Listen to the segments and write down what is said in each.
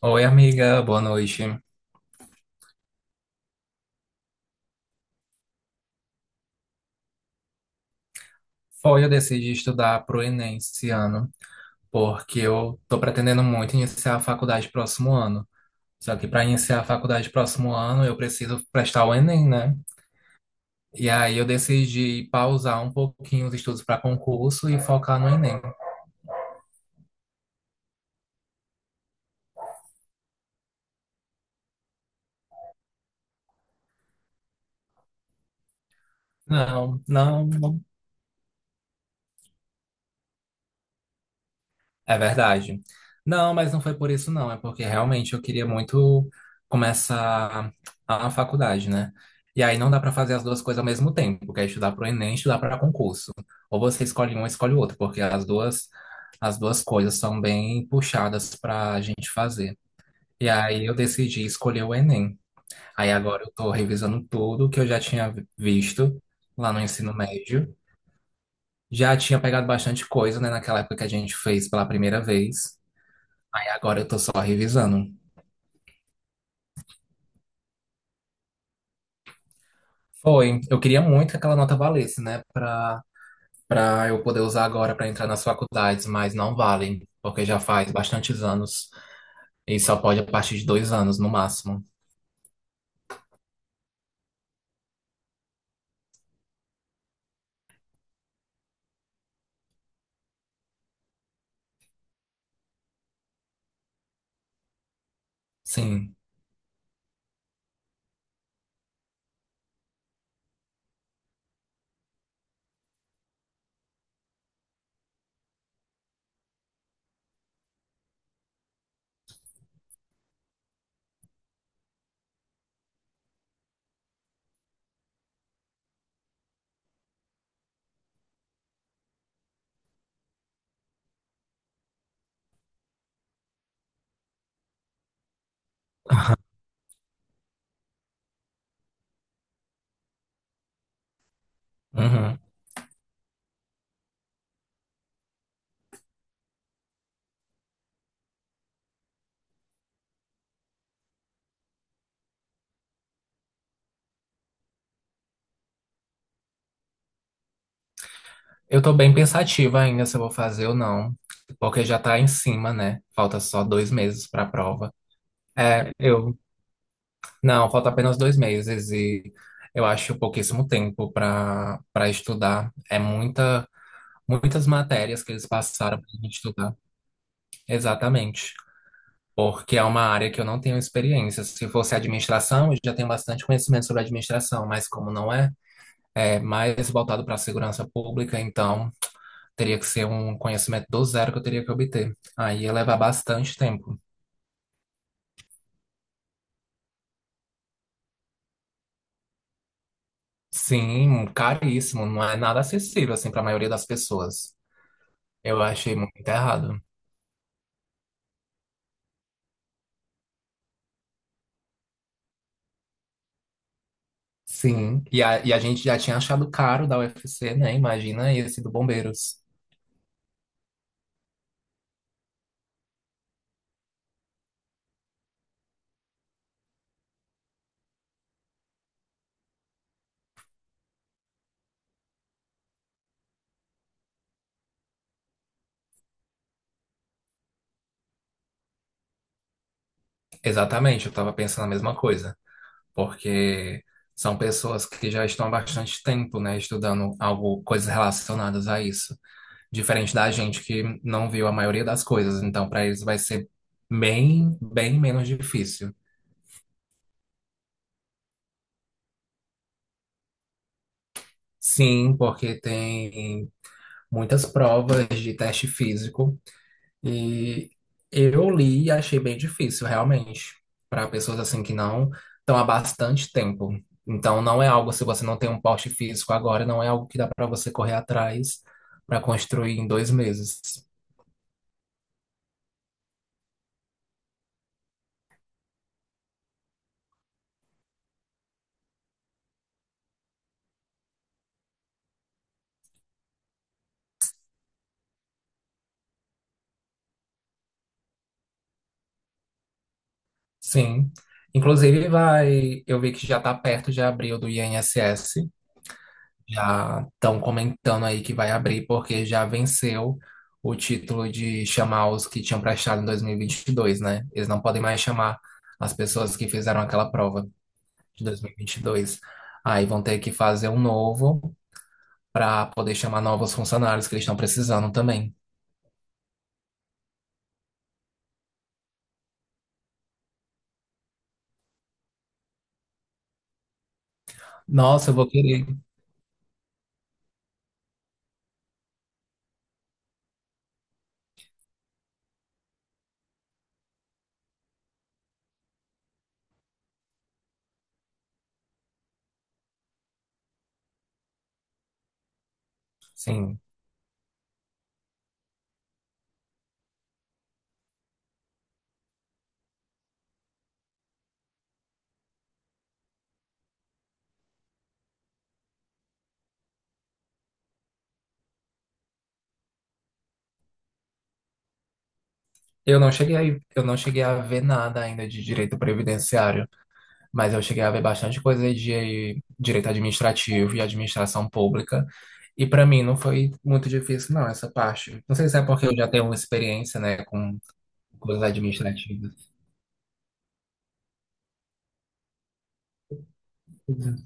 Oi, amiga, boa noite. Foi, eu decidi estudar pro Enem esse ano, porque eu tô pretendendo muito iniciar a faculdade próximo ano. Só que para iniciar a faculdade próximo ano, eu preciso prestar o Enem, né? E aí eu decidi pausar um pouquinho os estudos para concurso e focar no Enem. Não, não, não. É verdade. Não, mas não foi por isso, não. É porque realmente eu queria muito começar a faculdade, né? E aí não dá para fazer as duas coisas ao mesmo tempo, que é estudar para o Enem e estudar para concurso. Ou você escolhe um, ou escolhe o outro, porque as duas coisas são bem puxadas para a gente fazer. E aí eu decidi escolher o Enem. Aí agora eu estou revisando tudo que eu já tinha visto lá no ensino médio. Já tinha pegado bastante coisa, né, naquela época que a gente fez pela primeira vez. Aí agora eu tô só revisando. Foi. Eu queria muito que aquela nota valesse, né? Pra eu poder usar agora pra entrar nas faculdades, mas não vale, porque já faz bastantes anos e só pode a partir de 2 anos no máximo. Sim. Uhum. Eu tô bem pensativa ainda se eu vou fazer ou não, porque já tá em cima, né? Falta só 2 meses pra prova. É, eu. Não, falta apenas 2 meses e eu acho pouquíssimo tempo para estudar. Muitas matérias que eles passaram para a gente estudar. Exatamente. Porque é uma área que eu não tenho experiência. Se fosse administração, eu já tenho bastante conhecimento sobre administração, mas como não é, é mais voltado para a segurança pública, então teria que ser um conhecimento do zero que eu teria que obter. Aí ia levar bastante tempo. Sim, caríssimo, não é nada acessível assim para a maioria das pessoas. Eu achei muito errado. Sim, e a gente já tinha achado caro da UFC, né? Imagina esse do Bombeiros. Exatamente, eu estava pensando a mesma coisa, porque são pessoas que já estão há bastante tempo, né, estudando algo, coisas relacionadas a isso, diferente da gente que não viu a maioria das coisas, então para eles vai ser bem, bem menos difícil. Sim, porque tem muitas provas de teste físico e eu li e achei bem difícil, realmente, para pessoas assim que não estão há bastante tempo. Então, não é algo, se você não tem um porte físico agora, não é algo que dá para você correr atrás para construir em 2 meses. Sim. Inclusive, vai, eu vi que já está perto de abril do INSS. Já estão comentando aí que vai abrir, porque já venceu o título de chamar os que tinham prestado em 2022, né? Eles não podem mais chamar as pessoas que fizeram aquela prova de 2022. Aí vão ter que fazer um novo para poder chamar novos funcionários que eles estão precisando também. Nossa, eu vou querer. Sim. Eu não cheguei a, eu não cheguei a ver nada ainda de direito previdenciário. Mas eu cheguei a ver bastante coisa de direito administrativo e administração pública. E para mim não foi muito difícil, não, essa parte. Não sei se é porque eu já tenho uma experiência, né, com coisas administrativas. Uhum.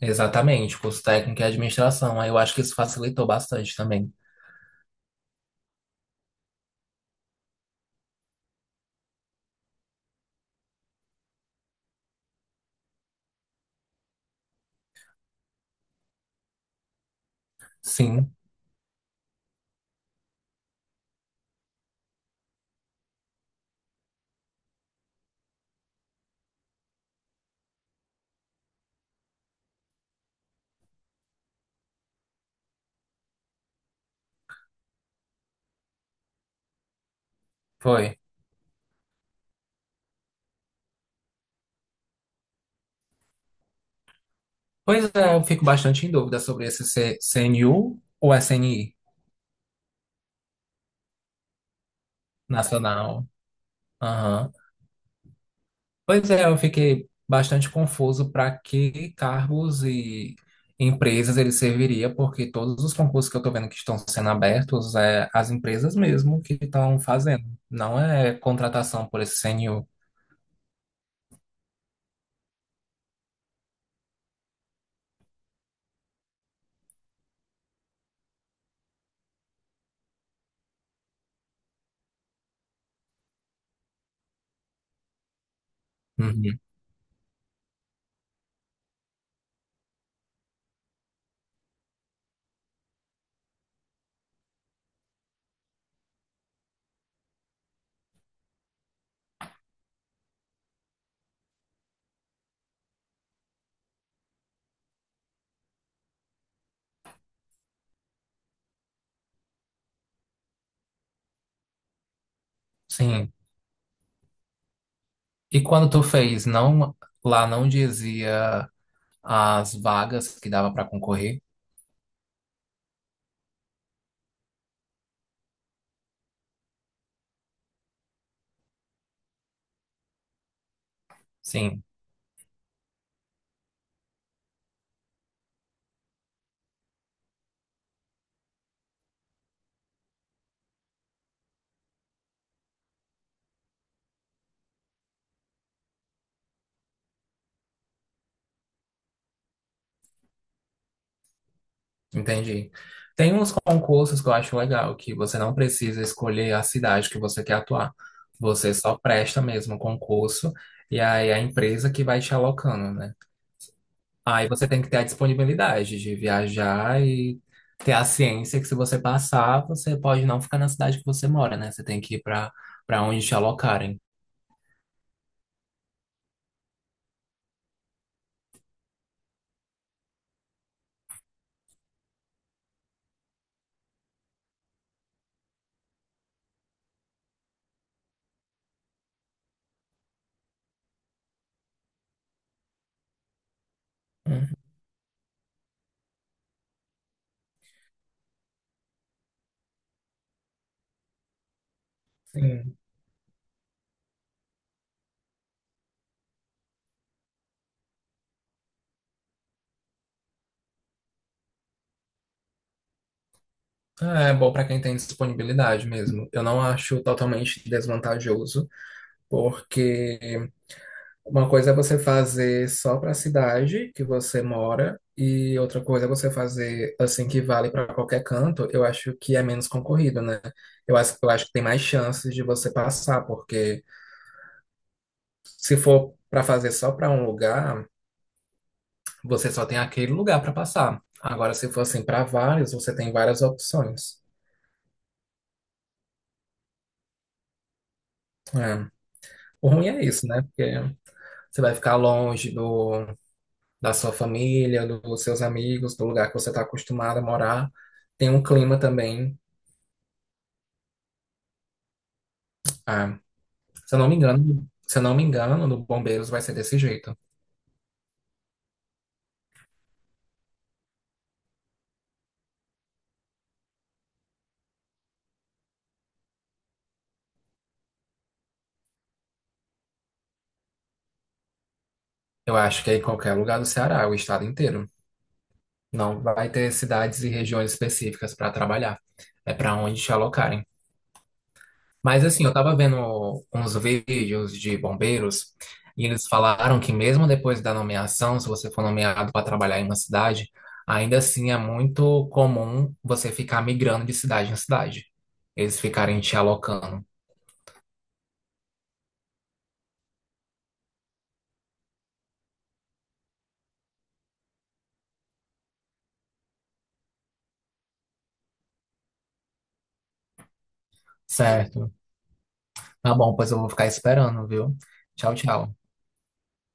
Exatamente, curso técnico e administração. Aí eu acho que isso facilitou bastante também. Sim, foi. Pois é, eu fico bastante em dúvida sobre esse CNU ou SNI nacional. Aham. Pois é, eu fiquei bastante confuso para que cargos e empresas ele serviria, porque todos os concursos que eu estou vendo que estão sendo abertos é as empresas mesmo que estão fazendo, não é contratação por esse CNU. Uhum. Sim. E quando tu fez, lá não dizia as vagas que dava para concorrer? Sim. Entendi. Tem uns concursos que eu acho legal, que você não precisa escolher a cidade que você quer atuar. Você só presta mesmo o concurso e aí é a empresa que vai te alocando, né? Aí você tem que ter a disponibilidade de viajar e ter a ciência que se você passar, você pode não ficar na cidade que você mora, né? Você tem que ir para onde te alocarem. Uhum. Sim. É bom para quem tem disponibilidade mesmo. Eu não acho totalmente desvantajoso, porque uma coisa é você fazer só para a cidade que você mora, e outra coisa é você fazer assim que vale para qualquer canto. Eu acho que é menos concorrido, né? Eu acho que tem mais chances de você passar, porque se for para fazer só para um lugar, você só tem aquele lugar para passar. Agora, se for assim para vários, você tem várias opções. É. O ruim é isso, né? Porque você vai ficar longe da sua família, dos seus amigos, do lugar que você está acostumado a morar. Tem um clima também. Ah, se eu não me engano, se eu não me engano, no Bombeiros vai ser desse jeito. Eu acho que é em qualquer lugar do Ceará, o estado inteiro. Não vai ter cidades e regiões específicas para trabalhar. É para onde te alocarem. Mas assim, eu tava vendo uns vídeos de bombeiros e eles falaram que mesmo depois da nomeação, se você for nomeado para trabalhar em uma cidade, ainda assim é muito comum você ficar migrando de cidade em cidade. Eles ficarem te alocando. Certo. Tá bom, pois eu vou ficar esperando, viu? Tchau, tchau.